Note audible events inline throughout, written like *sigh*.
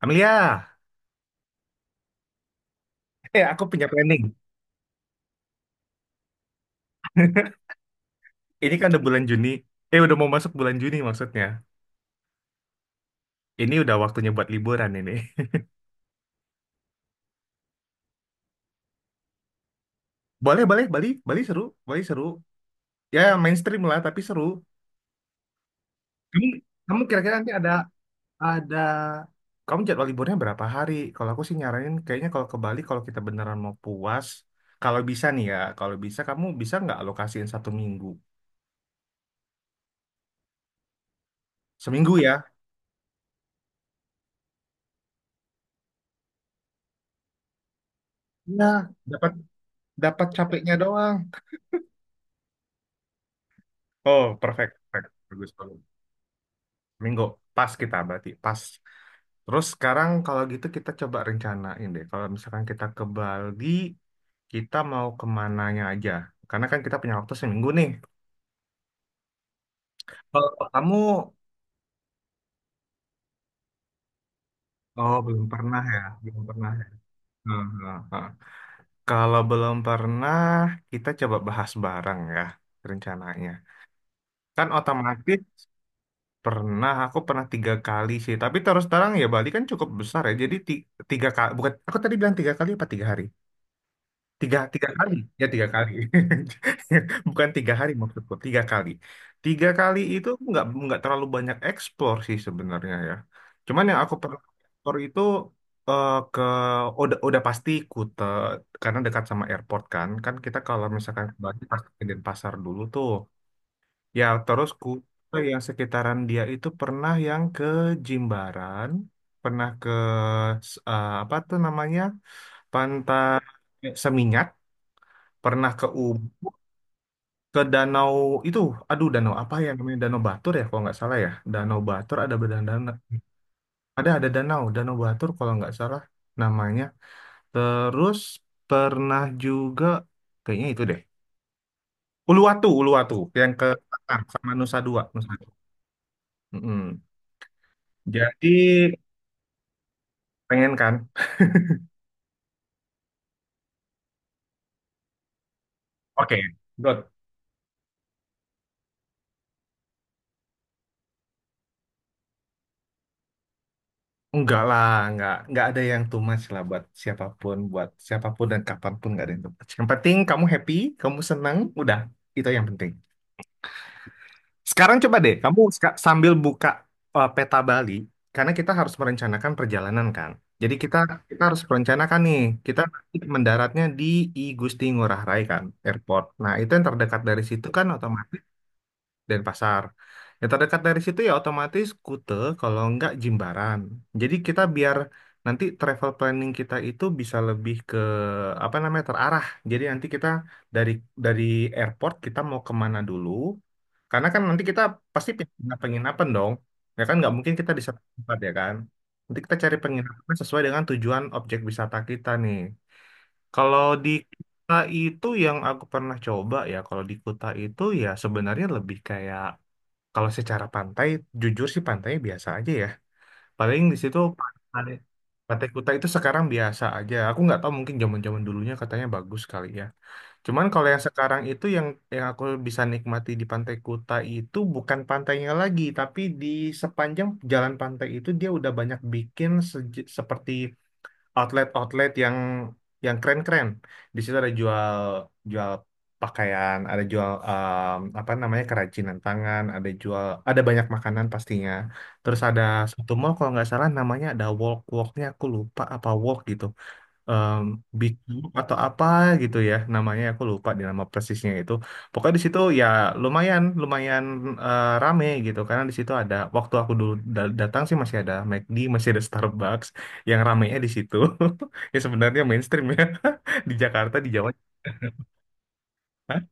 Amelia, aku punya planning. *laughs* Ini kan udah bulan Juni. Eh udah mau masuk bulan Juni maksudnya. Ini udah waktunya buat liburan ini. *laughs* Boleh, boleh, Bali, Bali seru, Bali seru. Ya mainstream lah tapi seru. Kamu, kamu kira-kira nanti ada kamu jadwal liburnya berapa hari? Kalau aku sih nyaranin kayaknya kalau ke Bali kalau kita beneran mau puas, kalau bisa nih ya, kalau bisa kamu bisa nggak alokasiin satu minggu? Seminggu ya? Nah, dapat dapat capeknya doang. Oh, perfect, perfect. Bagus, bagus. Minggu pas kita berarti pas. Terus sekarang kalau gitu kita coba rencanain deh. Kalau misalkan kita ke Bali, kita mau kemananya aja. Karena kan kita punya waktu seminggu nih. Kalau kamu, oh belum pernah ya, belum pernah. Ya. Hmm, hmm, hmm. Kalau belum pernah, kita coba bahas bareng ya rencananya. Kan otomatis pernah, aku pernah 3 kali sih. Tapi terus terang ya Bali kan cukup besar ya. Jadi tiga kali, bukan aku tadi bilang tiga kali apa 3 hari? Tiga kali. Ya, tiga kali. *laughs* Bukan tiga hari maksudku, tiga kali. Tiga kali itu nggak terlalu banyak eksplor sih sebenarnya ya. Cuman yang aku pernah eksplor itu eh, ke udah pasti Kute karena dekat sama airport kan. Kan kita kalau misalkan ke Bali pasti ke Denpasar dulu tuh. Ya, terus Kute yang sekitaran dia itu pernah yang ke Jimbaran, pernah ke apa tuh namanya? Pantai Seminyak pernah ke ke danau itu, aduh danau apa ya namanya, danau Batur ya kalau nggak salah ya, danau Batur, ada danau, ada danau danau Batur kalau nggak salah namanya, terus pernah juga kayaknya itu deh Uluwatu Uluwatu yang ke, sama Nusa Dua Nusa Dua. Mm-mm. Jadi pengen kan. Oke, good. Enggak lah, enggak ada yang too much lah buat siapapun dan kapanpun, enggak ada yang too much. Yang penting kamu happy, kamu senang, udah, itu yang penting. Sekarang coba deh, kamu sambil buka peta Bali, karena kita harus merencanakan perjalanan kan. Jadi kita kita harus merencanakan nih, kita nanti mendaratnya di I Gusti Ngurah Rai kan, airport. Nah itu yang terdekat dari situ kan otomatis. Denpasar. Yang terdekat dari situ ya otomatis Kute, kalau nggak Jimbaran. Jadi kita biar nanti travel planning kita itu bisa lebih ke apa namanya terarah. Jadi nanti kita dari dari airport kita mau kemana dulu. Karena kan nanti kita pasti pindah penginapan dong. Ya kan nggak mungkin kita di satu tempat ya kan. Nanti kita cari penginapan sesuai dengan tujuan objek wisata kita nih. Kalau di Kuta itu yang aku pernah coba ya, kalau di Kuta itu ya sebenarnya lebih kayak kalau secara pantai, jujur sih pantainya biasa aja ya. Paling di situ pantai, pantai Kuta itu sekarang biasa aja. Aku nggak tahu mungkin zaman-zaman dulunya katanya bagus kali ya. Cuman kalau yang sekarang itu yang aku bisa nikmati di Pantai Kuta itu bukan pantainya lagi, tapi di sepanjang jalan pantai itu dia udah banyak bikin seperti outlet-outlet yang keren-keren. Di situ ada jual jual pakaian, ada jual apa namanya, kerajinan tangan, ada jual, ada banyak makanan pastinya. Terus ada satu mall kalau nggak salah namanya, ada walk walknya, aku lupa apa walk gitu, em, Big Book atau apa gitu ya namanya, aku lupa di nama persisnya itu, pokoknya di situ ya lumayan, lumayan rame gitu, karena di situ ada, waktu aku dulu datang sih masih ada McD masih ada Starbucks, yang ramenya di situ. *laughs* Ya sebenarnya mainstream ya. *laughs* Di Jakarta di Jawa. Hah?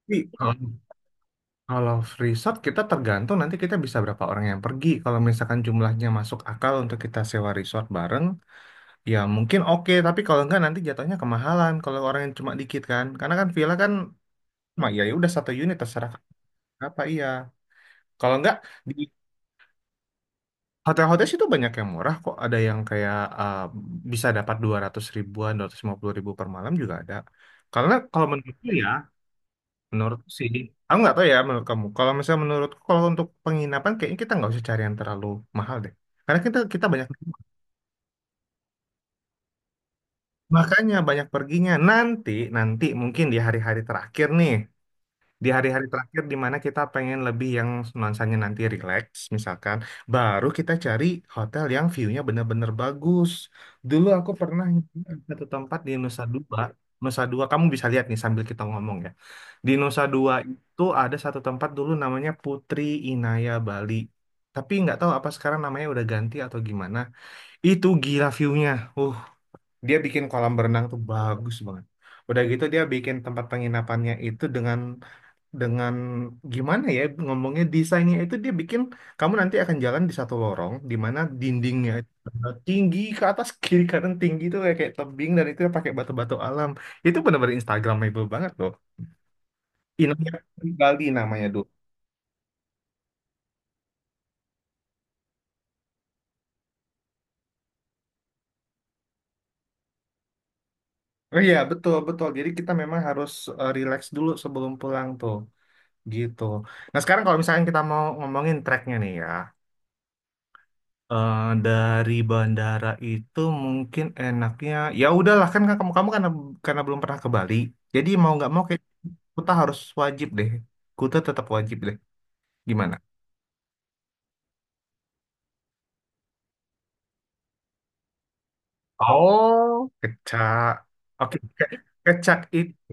Tapi kalau kalau resort kita tergantung nanti kita bisa berapa orang yang pergi, kalau misalkan jumlahnya masuk akal untuk kita sewa resort bareng, ya mungkin oke, tapi kalau enggak nanti jatuhnya kemahalan kalau orang yang cuma dikit kan. Karena kan villa kan, mah ya ya udah satu unit terserah apa iya. Kalau enggak di hotel-hotel situ banyak yang murah kok. Ada yang kayak bisa dapat 200 ribuan, 250 ribu per malam juga ada. Karena kalau menurutku ya, menurutku sih, aku nggak tahu ya menurut kamu. Kalau misalnya menurutku kalau untuk penginapan kayaknya kita nggak usah cari yang terlalu mahal deh. Karena kita kita banyak, makanya banyak perginya. Nanti nanti mungkin di hari-hari terakhir nih, di hari-hari terakhir di mana kita pengen lebih yang nuansanya nanti relax, misalkan, baru kita cari hotel yang view-nya benar-benar bagus. Dulu aku pernah di satu tempat di Nusa Dua. Nusa Dua, kamu bisa lihat nih sambil kita ngomong ya, di Nusa Dua itu ada satu tempat dulu namanya Putri Inaya Bali, tapi nggak tahu apa sekarang namanya udah ganti atau gimana. Itu gila view-nya. uh dia bikin kolam berenang tuh bagus banget. Udah gitu dia bikin tempat penginapannya itu dengan gimana ya ngomongnya, desainnya itu dia bikin kamu nanti akan jalan di satu lorong di mana dindingnya itu tinggi ke atas. *laughs* Kiri kanan tinggi itu kayak tebing dan itu pakai batu-batu alam. Itu benar-benar Instagramable banget loh. Inangnya Bali namanya dulu. Oh iya, betul betul, jadi kita memang harus relax dulu sebelum pulang tuh gitu. Nah sekarang kalau misalnya kita mau ngomongin tracknya nih ya. Eh, dari bandara itu mungkin enaknya, ya udahlah kan kamu kamu karena belum pernah ke Bali, jadi mau nggak mau kayak Kuta harus wajib deh. Kuta tetap wajib deh. Gimana? Oh, kecak, oke kecak itu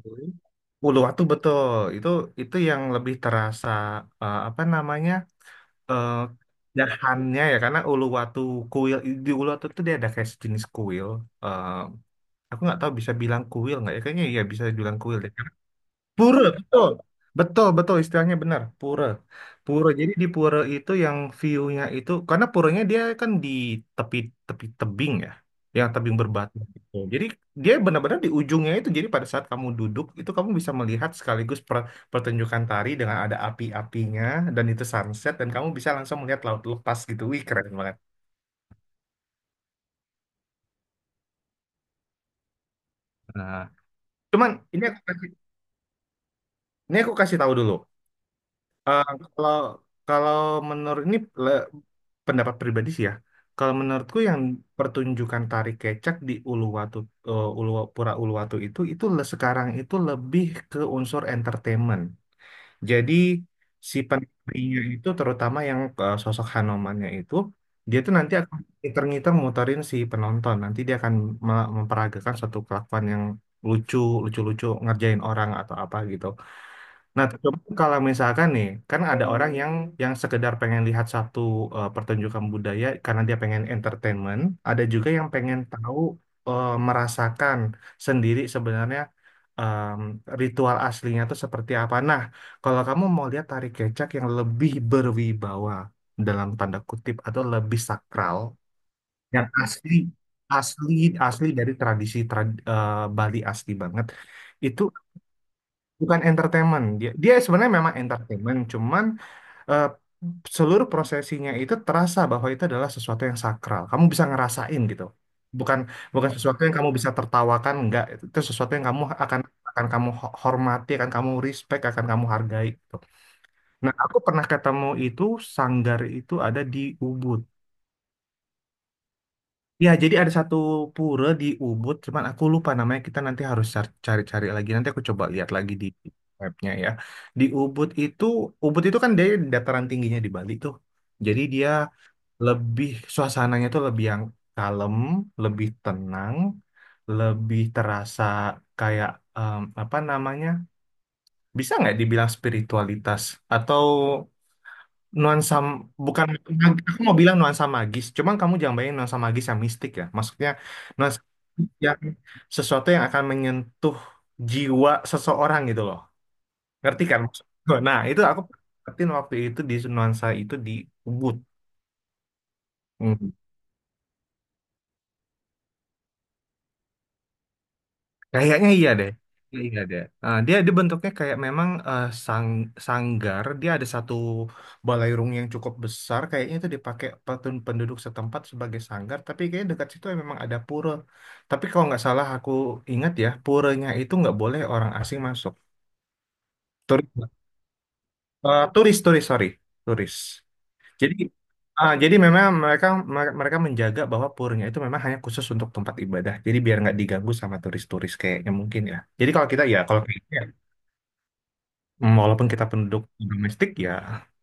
Uluwatu, betul. Itu yang lebih terasa apa namanya eh dahannya ya karena Uluwatu, kuil di Uluwatu itu dia ada kayak sejenis kuil, eh, aku nggak tahu bisa bilang kuil nggak ya, kayaknya ya bisa dibilang kuil deh. Pura, betul. Betul, betul istilahnya benar. Pura. Pura. Jadi di pura itu yang view-nya itu karena puranya dia kan di tepi tepi tebing ya. Yang tebing berbatu gitu. Jadi dia benar-benar di ujungnya itu. Jadi pada saat kamu duduk itu kamu bisa melihat sekaligus pertunjukan tari dengan ada api-apinya, dan itu sunset dan kamu bisa langsung melihat laut lepas gitu. Wih, keren banget. Nah, cuman ini aku kasih tahu dulu. Eh, kalau kalau menurut le- pendapat pribadi sih ya. Kalau menurutku yang pertunjukan tari kecak di Uluwatu, Pura Uluwatu itu, sekarang itu lebih ke unsur entertainment. Jadi si penarinya itu, terutama yang sosok Hanomannya itu, dia tuh nanti akan ngiter-ngiter muterin si penonton. Nanti dia akan memperagakan suatu kelakuan yang lucu, lucu-lucu ngerjain orang atau apa gitu. Nah, coba kalau misalkan nih, kan ada orang yang sekedar pengen lihat satu pertunjukan budaya karena dia pengen entertainment, ada juga yang pengen tahu, merasakan sendiri sebenarnya em, ritual aslinya itu seperti apa. Nah, kalau kamu mau lihat tari kecak yang lebih berwibawa dalam tanda kutip atau lebih sakral, yang asli, asli, asli dari tradisi, Bali asli banget, itu bukan entertainment. Dia sebenarnya memang entertainment, cuman eh, seluruh prosesinya itu terasa bahwa itu adalah sesuatu yang sakral. Kamu bisa ngerasain gitu, bukan, bukan sesuatu yang kamu bisa tertawakan, enggak. Itu sesuatu yang kamu akan, kamu hormati, akan kamu respect, akan kamu hargai. Gitu. Nah, aku pernah ketemu itu, sanggar itu ada di Ubud. Ya, jadi ada satu pura di Ubud, cuman aku lupa namanya. Kita nanti harus cari-cari lagi. Nanti aku coba lihat lagi di webnya ya. Di Ubud itu, Ubud itu kan dari dataran tingginya di Bali tuh. Jadi dia lebih suasananya tuh lebih yang kalem, lebih tenang, lebih terasa kayak apa namanya? Bisa nggak dibilang spiritualitas atau nuansa, bukan, aku mau bilang nuansa magis cuman kamu jangan bayangin nuansa magis yang mistik ya, maksudnya nuansa yang sesuatu yang akan menyentuh jiwa seseorang gitu loh, ngerti kan maksud gue? Nah itu aku perhatiin waktu itu, di nuansa itu di Ubud. Hmm. Kayaknya iya deh. Kayaknya iya deh. Ah, dia dia bentuknya kayak memang sanggar. Dia ada satu balairung yang cukup besar. Kayaknya itu dipakai penduduk setempat sebagai sanggar. Tapi kayaknya dekat situ ya memang ada pura. Tapi kalau nggak salah aku ingat ya, puranya itu nggak boleh orang asing masuk. Turis, turis, sorry, turis. Jadi jadi memang mereka mereka menjaga bahwa puranya itu memang hanya khusus untuk tempat ibadah. Jadi biar nggak diganggu sama turis-turis kayaknya, mungkin ya. Jadi kalau kita, walaupun kita penduduk domestik ya,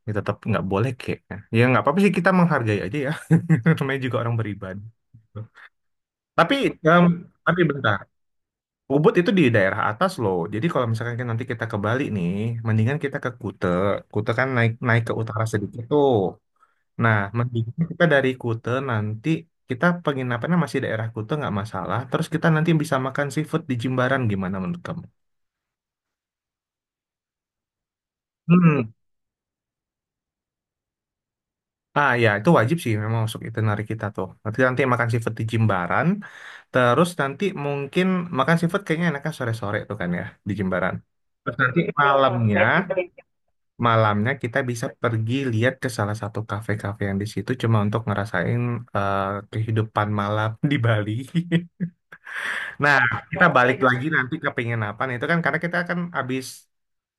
ya tetap nggak boleh kayaknya. Ya nggak apa-apa sih, kita menghargai aja ya. *laughs* Namanya juga orang beribadah. Tapi em, tapi bentar. Ubud itu di daerah atas loh. Jadi kalau misalkan kan nanti kita ke Bali nih, mendingan kita ke Kute. Kute kan naik naik ke utara sedikit tuh. Nah, mendingan kita dari Kute nanti, kita penginapannya masih daerah Kute nggak masalah. Terus kita nanti bisa makan seafood di Jimbaran, gimana menurut kamu? Hmm. Ah ya, itu wajib sih memang masuk itinerary kita tuh. Nanti nanti makan seafood di Jimbaran, terus nanti mungkin makan seafood kayaknya enaknya sore-sore tuh kan ya, di Jimbaran. Terus nanti malamnya, kita bisa pergi lihat ke salah satu kafe-kafe yang di situ, cuma untuk ngerasain eh, kehidupan malam di Bali. *laughs* Nah, kita balik lagi nanti ke penginapan itu kan, karena kita kan habis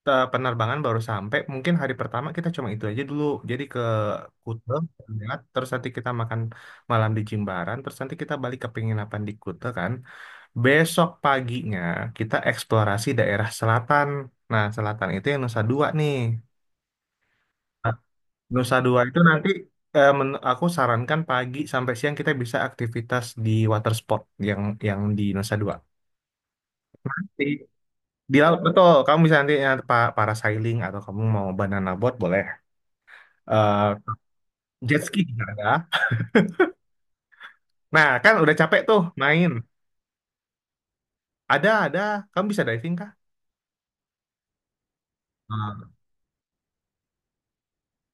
penerbangan, baru sampai, mungkin hari pertama kita cuma itu aja dulu, jadi ke Kuta, lihat, terus nanti kita makan malam di Jimbaran, terus nanti kita balik ke penginapan di Kuta kan. Besok paginya kita eksplorasi daerah selatan, nah selatan itu yang Nusa Dua nih. Nah, Nusa Dua itu nanti, aku sarankan pagi sampai siang kita bisa aktivitas di water sport yang yang di Nusa Dua. Di, di laut, betul, kamu bisa nanti ya, parasailing atau kamu mau banana boat boleh. Eh, Jet ski ada. Nah, kan udah capek tuh main. Ada, ada. Kamu bisa diving kah? Nah.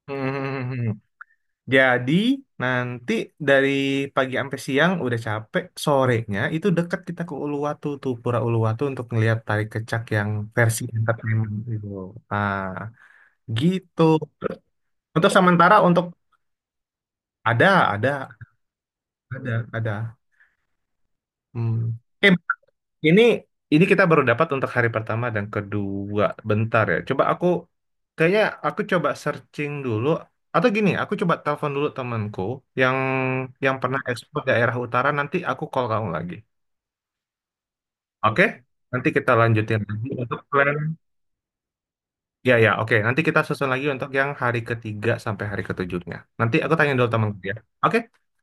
Hmm. Jadi nanti dari pagi sampai siang udah capek, sorenya itu dekat kita ke Uluwatu tuh, Pura Uluwatu, untuk ngelihat tari kecak yang versi entertainment itu. Ah, gitu. Untuk sementara untuk, ada, ada, ada, ada. Hmm. Eh, Ini ini kita baru dapat untuk hari pertama dan kedua. Bentar ya. Coba aku, kayaknya aku coba searching dulu, atau gini, aku coba telepon dulu temanku yang yang pernah ekspor daerah utara, nanti aku call kamu lagi. Oke? Nanti kita lanjutin lagi untuk plan. Ya ya, oke. Nanti kita susun lagi untuk yang hari ketiga sampai hari ketujuhnya. Nanti aku tanya dulu temanku ya. Oke?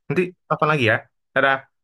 Nanti telepon lagi ya. Dadah.